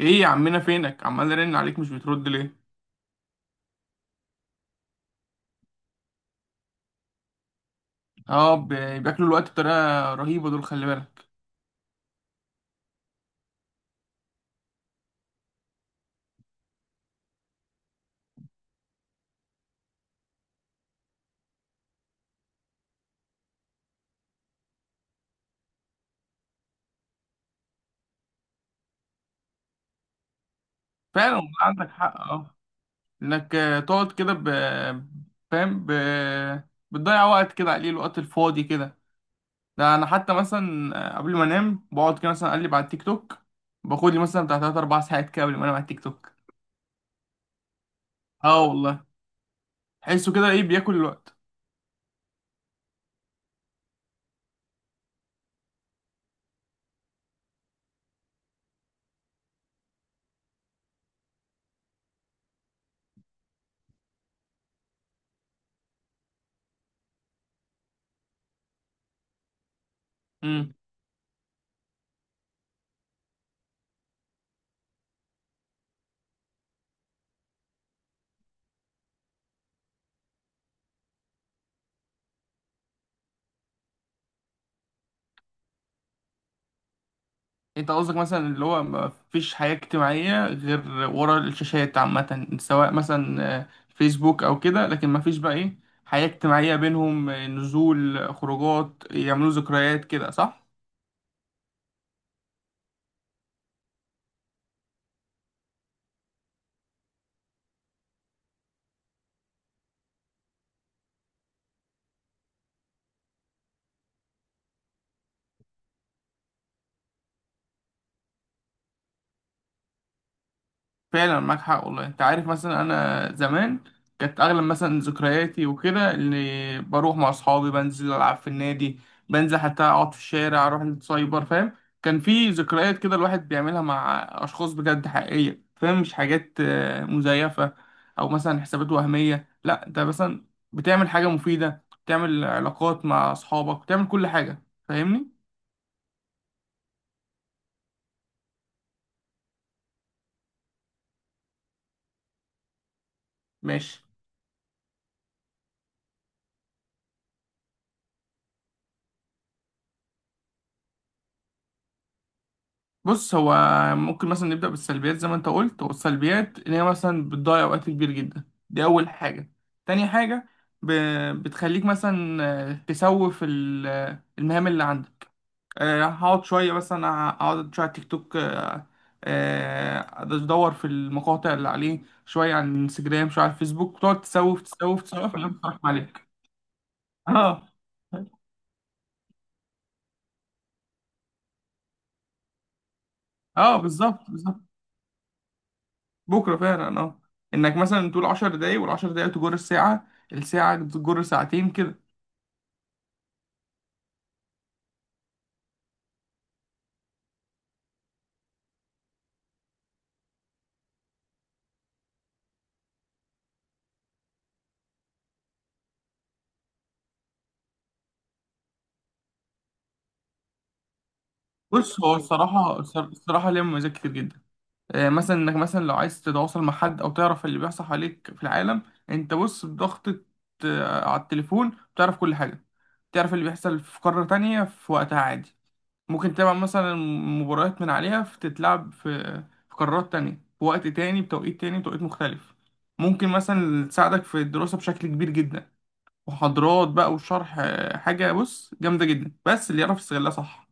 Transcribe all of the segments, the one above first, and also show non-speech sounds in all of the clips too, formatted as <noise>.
ايه يا عمنا فينك عمال ارن عليك مش بترد ليه. اه ب- بياكلوا الوقت بطريقه رهيبه دول، خلي بالك. فعلا والله عندك حق. اه، انك تقعد كده فاهم ب... بتضيع وقت كده عليه، الوقت الفاضي كده. ده انا حتى مثلا قبل ما انام بقعد كده مثلا اقلب على التيك توك، باخد لي مثلا بتاع 3 4 ساعات كده قبل ما انام على التيك توك. اه والله، تحسه كده ايه بياكل الوقت. انت قصدك مثلا اللي هو ما فيش حياة اجتماعية غير ورا الشاشات عامة، سواء مثلا فيسبوك او كده، لكن ما فيش بقى ايه، حياة اجتماعية بينهم، نزول، خروجات، يعملوا ذكريات كده، صح؟ فعلا معاك حق والله. انت عارف مثلا انا زمان كانت اغلب مثلا ذكرياتي وكده، اللي بروح مع اصحابي بنزل العب في النادي، بنزل حتى اقعد في الشارع، اروح السايبر، فاهم؟ كان في ذكريات كده الواحد بيعملها مع اشخاص بجد حقيقية، فاهم؟ مش حاجات مزيفة او مثلا حسابات وهمية. لا، انت مثلا بتعمل حاجة مفيدة، بتعمل علاقات مع اصحابك، بتعمل كل حاجة. فاهمني؟ ماشي. بص، هو ممكن مثلا نبدأ بالسلبيات زي ما انت قلت. والسلبيات ان هي مثلا بتضيع وقت كبير جدا، دي اول حاجة. تاني حاجة، ب... بتخليك مثلا تسوف المهام اللي عندك. هقعد شوية مثلا، اقعد شوية على التيك توك، ادور في المقاطع اللي عليه، شوية على الانستجرام، شوية على الفيسبوك، تقعد تسوف تسوف تسوف لما تروح عليك. اه اه، بالظبط بالظبط، بكرة فعلا. اه، انك مثلا تقول 10 دقايق، والعشر دقايق تجر الساعة، الساعة تجر ساعتين كده. بص، هو الصراحة الصراحة ليها مميزات كتير جدا. مثلا انك مثلا لو عايز تتواصل مع حد او تعرف اللي بيحصل حواليك في العالم، انت بص بضغطة على التليفون بتعرف كل حاجة. تعرف اللي بيحصل في قارة تانية في وقتها عادي. ممكن تتابع مثلا مباريات من عليها تتلعب في في قارات تانية، في وقت تاني، بتوقيت تاني، بتوقيت مختلف. ممكن مثلا تساعدك في الدراسة بشكل كبير جدا، محاضرات بقى وشرح. حاجة بص جامدة جدا، بس اللي يعرف يستغلها صح.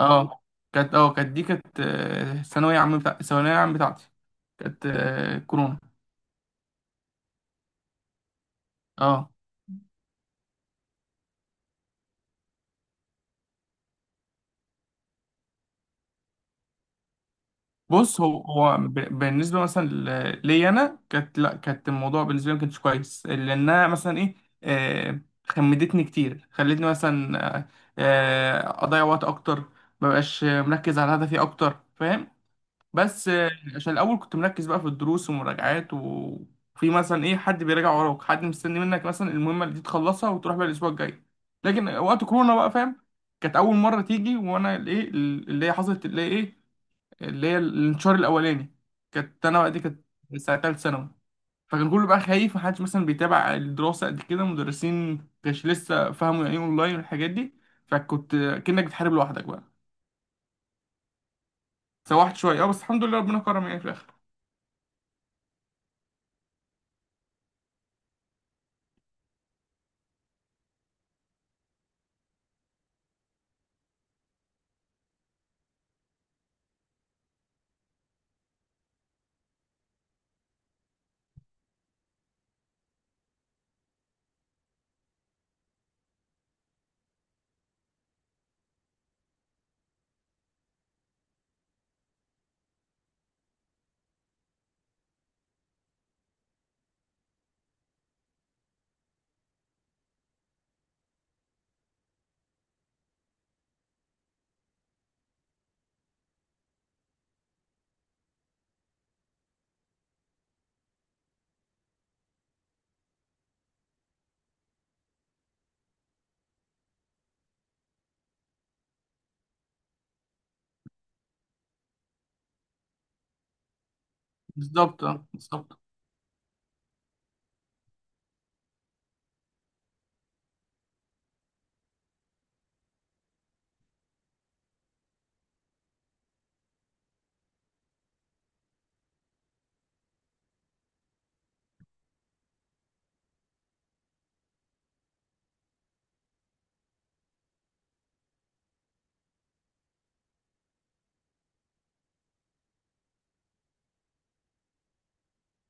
اه، كانت اه، كانت دي كانت ثانوية عام، بتاع ثانوية عام بتاعتي. كانت كورونا. اه. بص، بالنسبة مثلا ليا أنا، كانت لا، كانت الموضوع بالنسبة لي ما كانش كويس، لأنها مثلا إيه، خمدتني كتير، خلتني مثلا أضيع وقت أكتر، مبقاش مركز على هدفي أكتر. فاهم؟ بس عشان الاول كنت مركز بقى في الدروس ومراجعات، وفي مثلا ايه، حد بيراجع وراك، حد مستني منك مثلا المهمه اللي دي تخلصها وتروح بقى الاسبوع الجاي. لكن وقت كورونا بقى، فاهم، كانت اول مره تيجي، وانا الايه اللي هي حصلت اللي هي ايه، اللي هي الانتشار الاولاني. كانت انا بقى، دي كانت ساعه تالت ثانوي. فكان كله بقى خايف، محدش مثلا بيتابع الدراسه قد كده، مدرسين كانش لسه فاهموا يعني ايه اونلاين والحاجات دي. فكنت كأنك بتحارب لوحدك بقى. سوحت شويه اه، بس الحمد لله ربنا كرم يعني في الاخر. بالظبط اه، بالظبط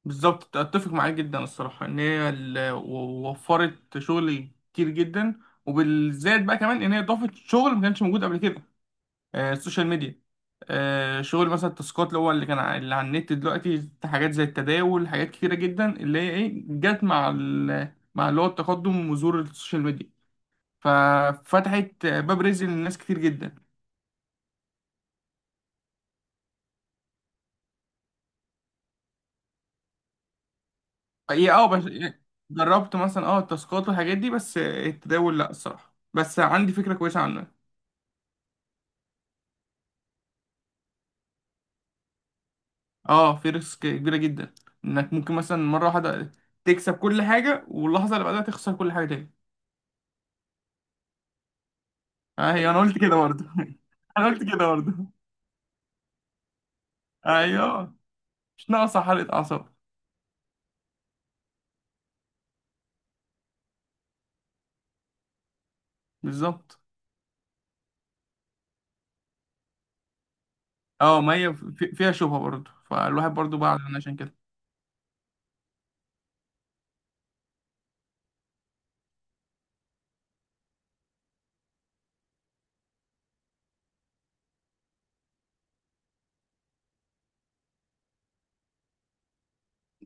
بالظبط، اتفق معاك جدا الصراحه ان هي وفرت شغل كتير جدا. وبالذات بقى كمان ان هي ضافت شغل ما كانش موجود قبل كده، السوشيال ميديا. شغل مثلا التاسكات، اللي هو اللي كان اللي على النت دلوقتي، حاجات زي التداول، حاجات كتيره جدا اللي هي ايه، جت مع مع اللي هو التقدم وظهور السوشيال ميديا. ففتحت باب رزق للناس كتير جدا. هي اه، بس إيه، جربت مثلا اه التاسكات والحاجات دي، بس التداول لا، الصراحه بس عندي فكره كويسه عنه. اه، في ريسك كبيرة جدا، انك ممكن مثلا مرة واحدة تكسب كل حاجة واللحظة اللي بعدها تخسر كل حاجة تاني. ايوه، انا قلت كده برضه <laughs> انا قلت كده برضه. ايوه، مش ناقصة حرقة اعصاب. بالظبط. اه، ما هي فيها شبهة برضه، فالواحد برضه بعد عن عشان كده.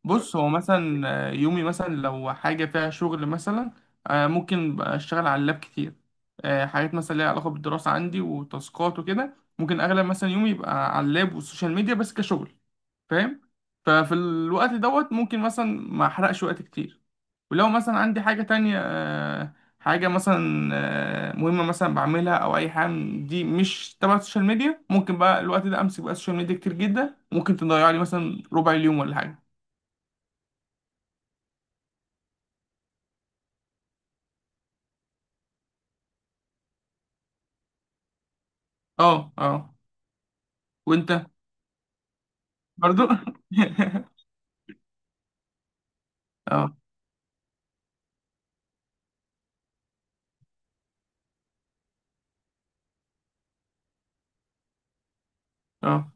بص، هو مثلا يومي مثلا لو حاجة فيها شغل مثلا، ممكن بقى اشتغل على اللاب كتير. حاجات مثلا ليها علاقة بالدراسة عندي وتاسكات وكده، ممكن اغلب مثلا يومي يبقى على اللاب والسوشيال ميديا بس كشغل. فاهم؟ ففي الوقت دوت ممكن مثلا ما احرقش وقت كتير. ولو مثلا عندي حاجة تانية حاجة مثلا مهمة مثلا بعملها، أو أي حاجة من دي مش تبع السوشيال ميديا، ممكن بقى الوقت ده أمسك بقى السوشيال ميديا كتير جدا، ممكن تضيع لي مثلا ربع اليوم ولا حاجة. اه اه. وانت برضو <laughs> اه اه.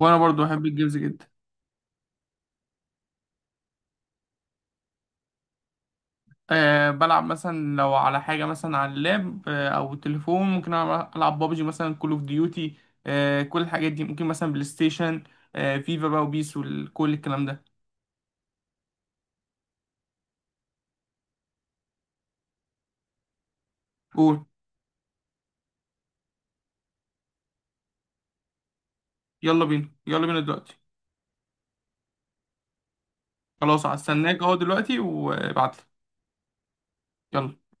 وانا برضو بحب الجيمز جدا. أه، بلعب مثلا لو على حاجة مثلا على اللاب، أه أو التليفون، ممكن ألعب، ألعب بابجي مثلا، كول أوف ديوتي، أه كل الحاجات دي. ممكن مثلا بلاي ستيشن، أه فيفا بقى وبيس وكل الكلام ده. قول. يلا بينا، يلا بينا دلوقتي. خلاص، هستناك أهو دلوقتي وابعتلي. يلا.